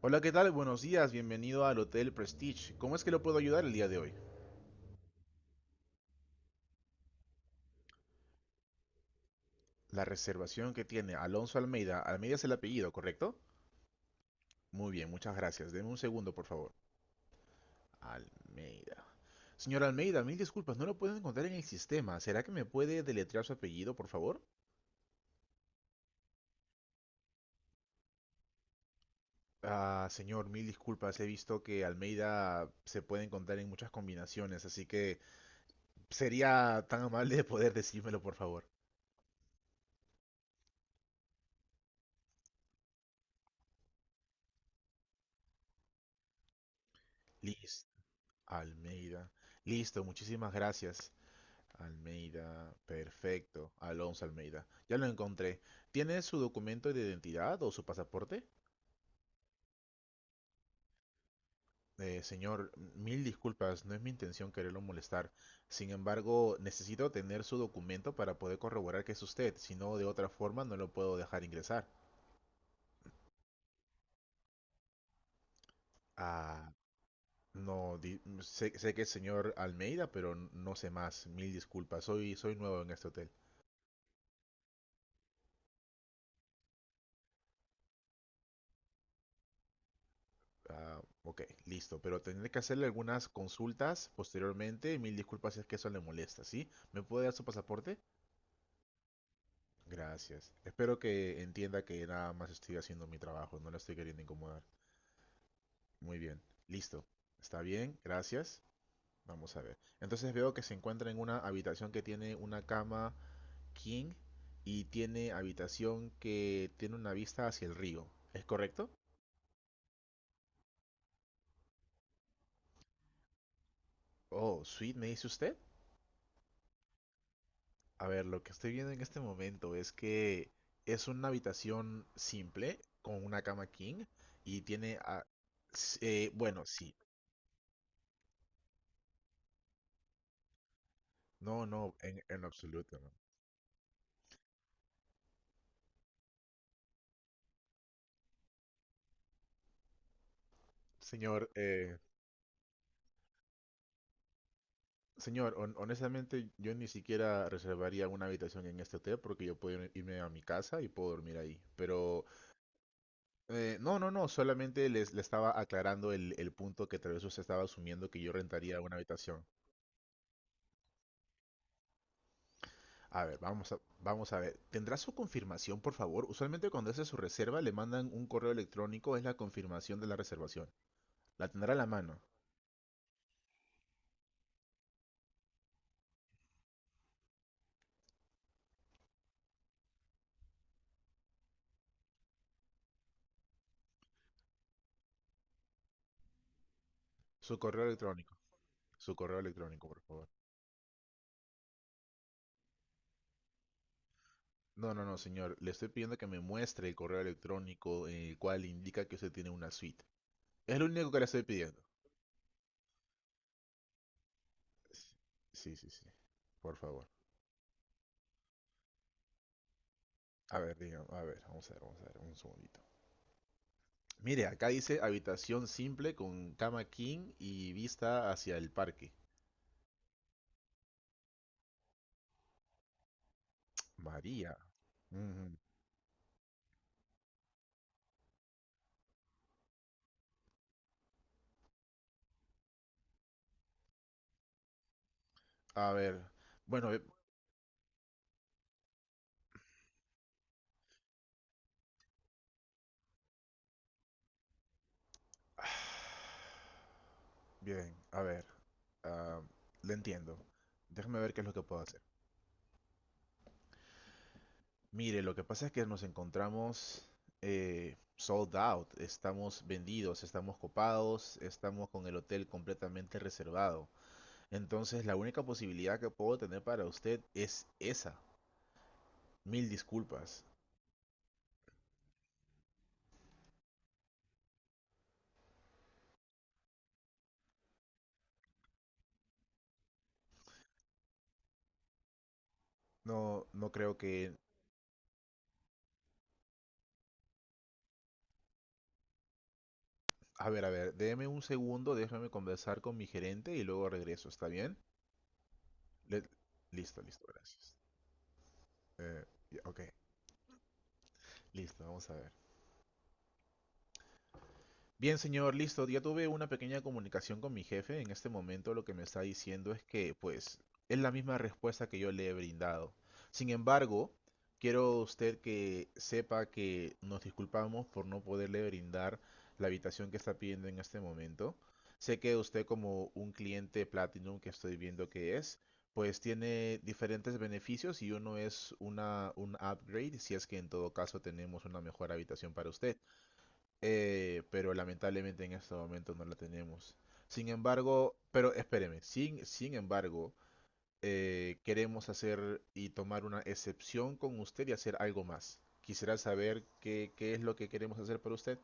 Hola, ¿qué tal? Buenos días, bienvenido al Hotel Prestige. ¿Cómo es que lo puedo ayudar el día de hoy? La reservación que tiene Alonso Almeida, Almeida es el apellido, ¿correcto? Muy bien, muchas gracias. Deme un segundo, por favor. Almeida. Señor Almeida, mil disculpas, no lo puedo encontrar en el sistema. ¿Será que me puede deletrear su apellido, por favor? Ah, señor, mil disculpas. He visto que Almeida se puede encontrar en muchas combinaciones, así que sería tan amable de poder decírmelo, por favor. Liz, Almeida. Listo, muchísimas gracias. Almeida, perfecto. Alonso Almeida. Ya lo encontré. ¿Tiene su documento de identidad o su pasaporte? Señor, mil disculpas, no es mi intención quererlo molestar. Sin embargo, necesito tener su documento para poder corroborar que es usted, si no, de otra forma no lo puedo dejar ingresar. Ah, no, sé que es señor Almeida, pero no sé más. Mil disculpas, soy nuevo en este hotel. Ah, ok, listo. Pero tendré que hacerle algunas consultas posteriormente. Mil disculpas si es que eso le molesta, ¿sí? ¿Me puede dar su pasaporte? Gracias. Espero que entienda que nada más estoy haciendo mi trabajo, no la estoy queriendo incomodar. Muy bien, listo. Está bien, gracias. Vamos a ver. Entonces veo que se encuentra en una habitación que tiene una cama king y tiene habitación que tiene una vista hacia el río. ¿Es correcto? Oh, suite, me dice usted. A ver, lo que estoy viendo en este momento es que es una habitación simple con una cama king y tiene... bueno, sí. No, no, en absoluto, no. Señor, señor, honestamente yo ni siquiera reservaría una habitación en este hotel porque yo puedo irme a mi casa y puedo dormir ahí. Pero... no, no, no, solamente le estaba aclarando el punto que tal vez usted estaba asumiendo que yo rentaría una habitación. A ver, vamos a ver. ¿Tendrá su confirmación, por favor? Usualmente cuando hace su reserva le mandan un correo electrónico, es la confirmación de la reservación. La tendrá a la mano. Su correo electrónico. Su correo electrónico, por favor. No, no, no, señor. Le estoy pidiendo que me muestre el correo electrónico en el cual indica que usted tiene una suite. Es lo único que le estoy pidiendo. Sí, sí, sí. Por favor. A ver, diga, a ver, vamos a ver, vamos a ver, un segundito. Mire, acá dice habitación simple con cama king y vista hacia el parque. María, ujú. A ver, bueno, bien, a ver, ah, le entiendo. Déjame ver qué es lo que puedo hacer. Mire, lo que pasa es que nos encontramos sold out, estamos vendidos, estamos copados, estamos con el hotel completamente reservado. Entonces, la única posibilidad que puedo tener para usted es esa. Mil disculpas. No, no creo que... a ver, déme un segundo, déjame conversar con mi gerente y luego regreso, ¿está bien? Le- listo, listo, gracias. Eh, ok, listo, vamos a ver. Bien, señor, listo. Ya tuve una pequeña comunicación con mi jefe. En este momento lo que me está diciendo es que, pues, es la misma respuesta que yo le he brindado. Sin embargo, quiero usted que sepa que nos disculpamos por no poderle brindar la habitación que está pidiendo en este momento. Sé que usted como un cliente Platinum que estoy viendo que es, pues tiene diferentes beneficios y uno es un upgrade si es que en todo caso tenemos una mejor habitación para usted. Pero lamentablemente en este momento no la tenemos. Sin embargo, pero espéreme, sin embargo, queremos hacer y tomar una excepción con usted y hacer algo más. Quisiera saber qué, qué es lo que queremos hacer para usted.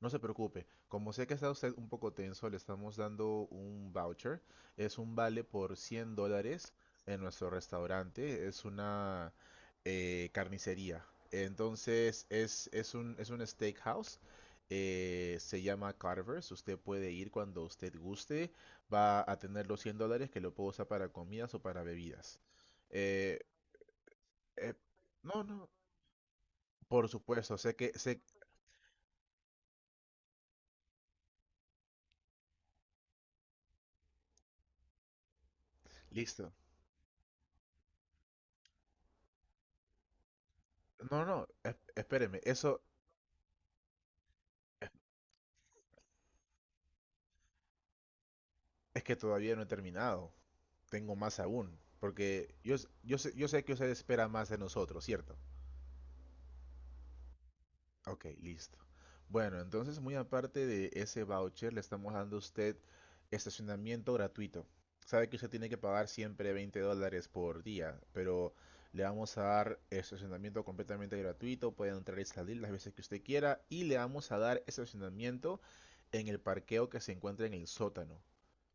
No se preocupe, como sé que está usted un poco tenso, le estamos dando un voucher. Es un vale por $100 en nuestro restaurante. Es una carnicería. Entonces es, es un steakhouse. Eh, se llama Carver's. Usted puede ir cuando usted guste. Va a tener los $100 que lo puedo usar para comidas o para bebidas. Eh, eh, no, no, por supuesto, sé que, sé, listo. No, no, espéreme, eso, es que todavía no he terminado. Tengo más aún. Porque yo sé que usted espera más de nosotros, ¿cierto? Ok, listo. Bueno, entonces muy aparte de ese voucher, le estamos dando a usted estacionamiento gratuito. Sabe que usted tiene que pagar siempre $20 por día, pero le vamos a dar estacionamiento completamente gratuito. Puede entrar y salir las veces que usted quiera. Y le vamos a dar estacionamiento en el parqueo que se encuentra en el sótano.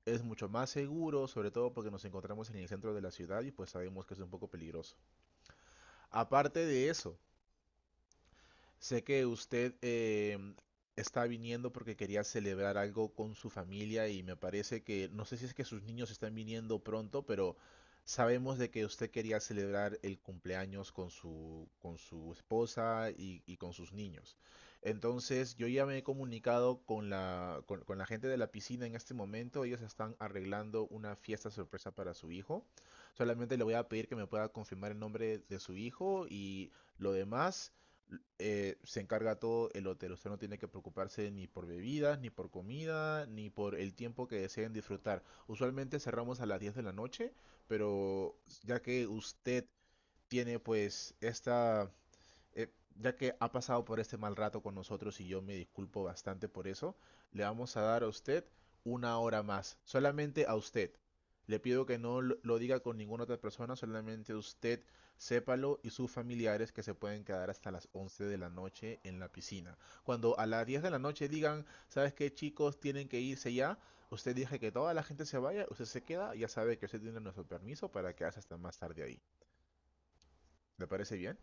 Es mucho más seguro, sobre todo porque nos encontramos en el centro de la ciudad y pues sabemos que es un poco peligroso. Aparte de eso, sé que usted está viniendo porque quería celebrar algo con su familia y me parece que, no sé si es que sus niños están viniendo pronto, pero sabemos de que usted quería celebrar el cumpleaños con con su esposa y con sus niños. Entonces, yo ya me he comunicado con con la gente de la piscina en este momento. Ellos están arreglando una fiesta sorpresa para su hijo. Solamente le voy a pedir que me pueda confirmar el nombre de su hijo y lo demás se encarga todo el hotel. Usted no tiene que preocuparse ni por bebidas, ni por comida, ni por el tiempo que deseen disfrutar. Usualmente cerramos a las 10 de la noche, pero ya que usted tiene pues esta eh, ya que ha pasado por este mal rato con nosotros y yo me disculpo bastante por eso, le vamos a dar a usted una hora más, solamente a usted. Le pido que no lo diga con ninguna otra persona, solamente usted sépalo y sus familiares que se pueden quedar hasta las 11 de la noche en la piscina. Cuando a las 10 de la noche digan, ¿sabes qué chicos? Tienen que irse ya. Usted dice que toda la gente se vaya, usted se queda, ya sabe que usted tiene nuestro permiso para quedarse hasta más tarde ahí. ¿Le parece bien?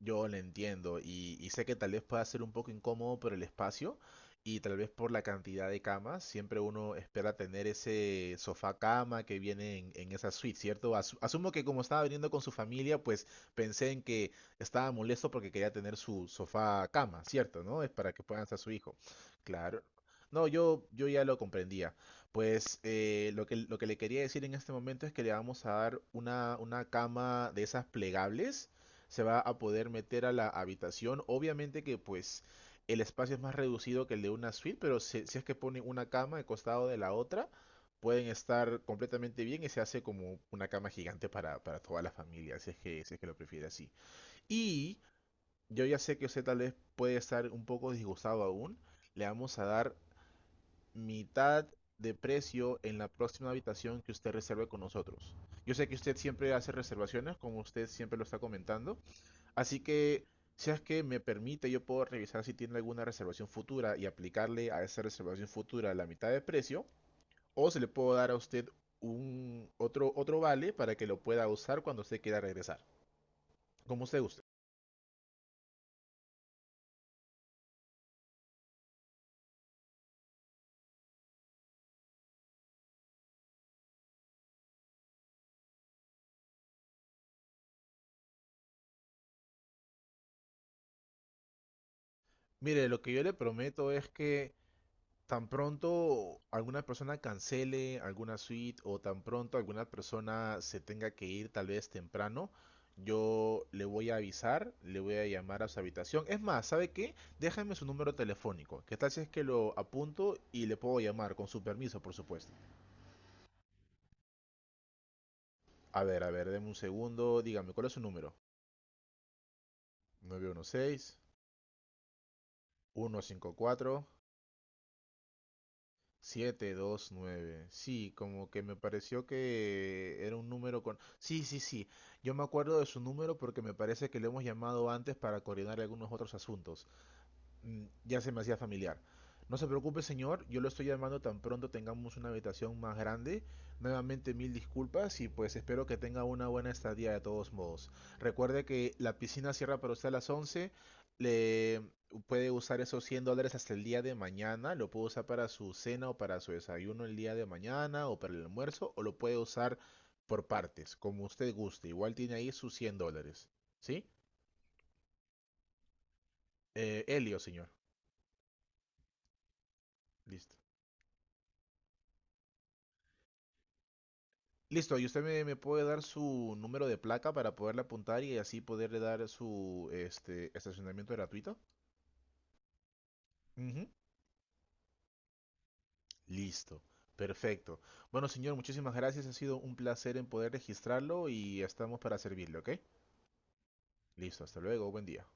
Yo lo entiendo y sé que tal vez pueda ser un poco incómodo por el espacio y tal vez por la cantidad de camas. Siempre uno espera tener ese sofá cama que viene en esa suite, ¿cierto? Asumo que como estaba viniendo con su familia, pues pensé en que estaba molesto porque quería tener su sofá cama, ¿cierto? ¿No? Es para que puedan estar su hijo. Claro. No, yo ya lo comprendía. Pues lo que le quería decir en este momento es que le vamos a dar una cama de esas plegables, se va a poder meter a la habitación. Obviamente que pues el espacio es más reducido que el de una suite, pero si es que ponen una cama al costado de la otra, pueden estar completamente bien y se hace como una cama gigante para toda la familia, si es que, si es que lo prefiere así. Y yo ya sé que usted tal vez puede estar un poco disgustado aún. Le vamos a dar mitad de precio en la próxima habitación que usted reserve con nosotros. Yo sé que usted siempre hace reservaciones, como usted siempre lo está comentando, así que, si es que me permite, yo puedo revisar si tiene alguna reservación futura y aplicarle a esa reservación futura la mitad de precio, o se le puedo dar a usted otro vale para que lo pueda usar cuando usted quiera regresar, como usted guste. Mire, lo que yo le prometo es que tan pronto alguna persona cancele alguna suite o tan pronto alguna persona se tenga que ir tal vez temprano, yo le voy a avisar, le voy a llamar a su habitación. Es más, ¿sabe qué? Déjame su número telefónico. ¿Qué tal si es que lo apunto y le puedo llamar con su permiso, por supuesto? A ver, deme un segundo. Dígame, ¿cuál es su número? 911-615-4729. Sí, como que me pareció que era un número con... Sí, sí, sí. Yo me acuerdo de su número porque me parece que lo hemos llamado antes para coordinar algunos otros asuntos. Mm, ya se me hacía familiar. No se preocupe, señor, yo lo estoy llamando tan pronto tengamos una habitación más grande. Nuevamente mil disculpas y pues espero que tenga una buena estadía de todos modos. Recuerde que la piscina cierra para usted a las 11. Le puede usar esos $100 hasta el día de mañana. Lo puede usar para su cena o para su desayuno el día de mañana o para el almuerzo o lo puede usar por partes, como usted guste. Igual tiene ahí sus $100. ¿Sí? Helio, señor. Listo. Listo, y usted me puede dar su número de placa para poderle apuntar y así poderle dar su este, estacionamiento gratuito. Ujú. Listo, perfecto. Bueno, señor, muchísimas gracias. Ha sido un placer en poder registrarlo y estamos para servirle, ¿ok? Listo, hasta luego, buen día.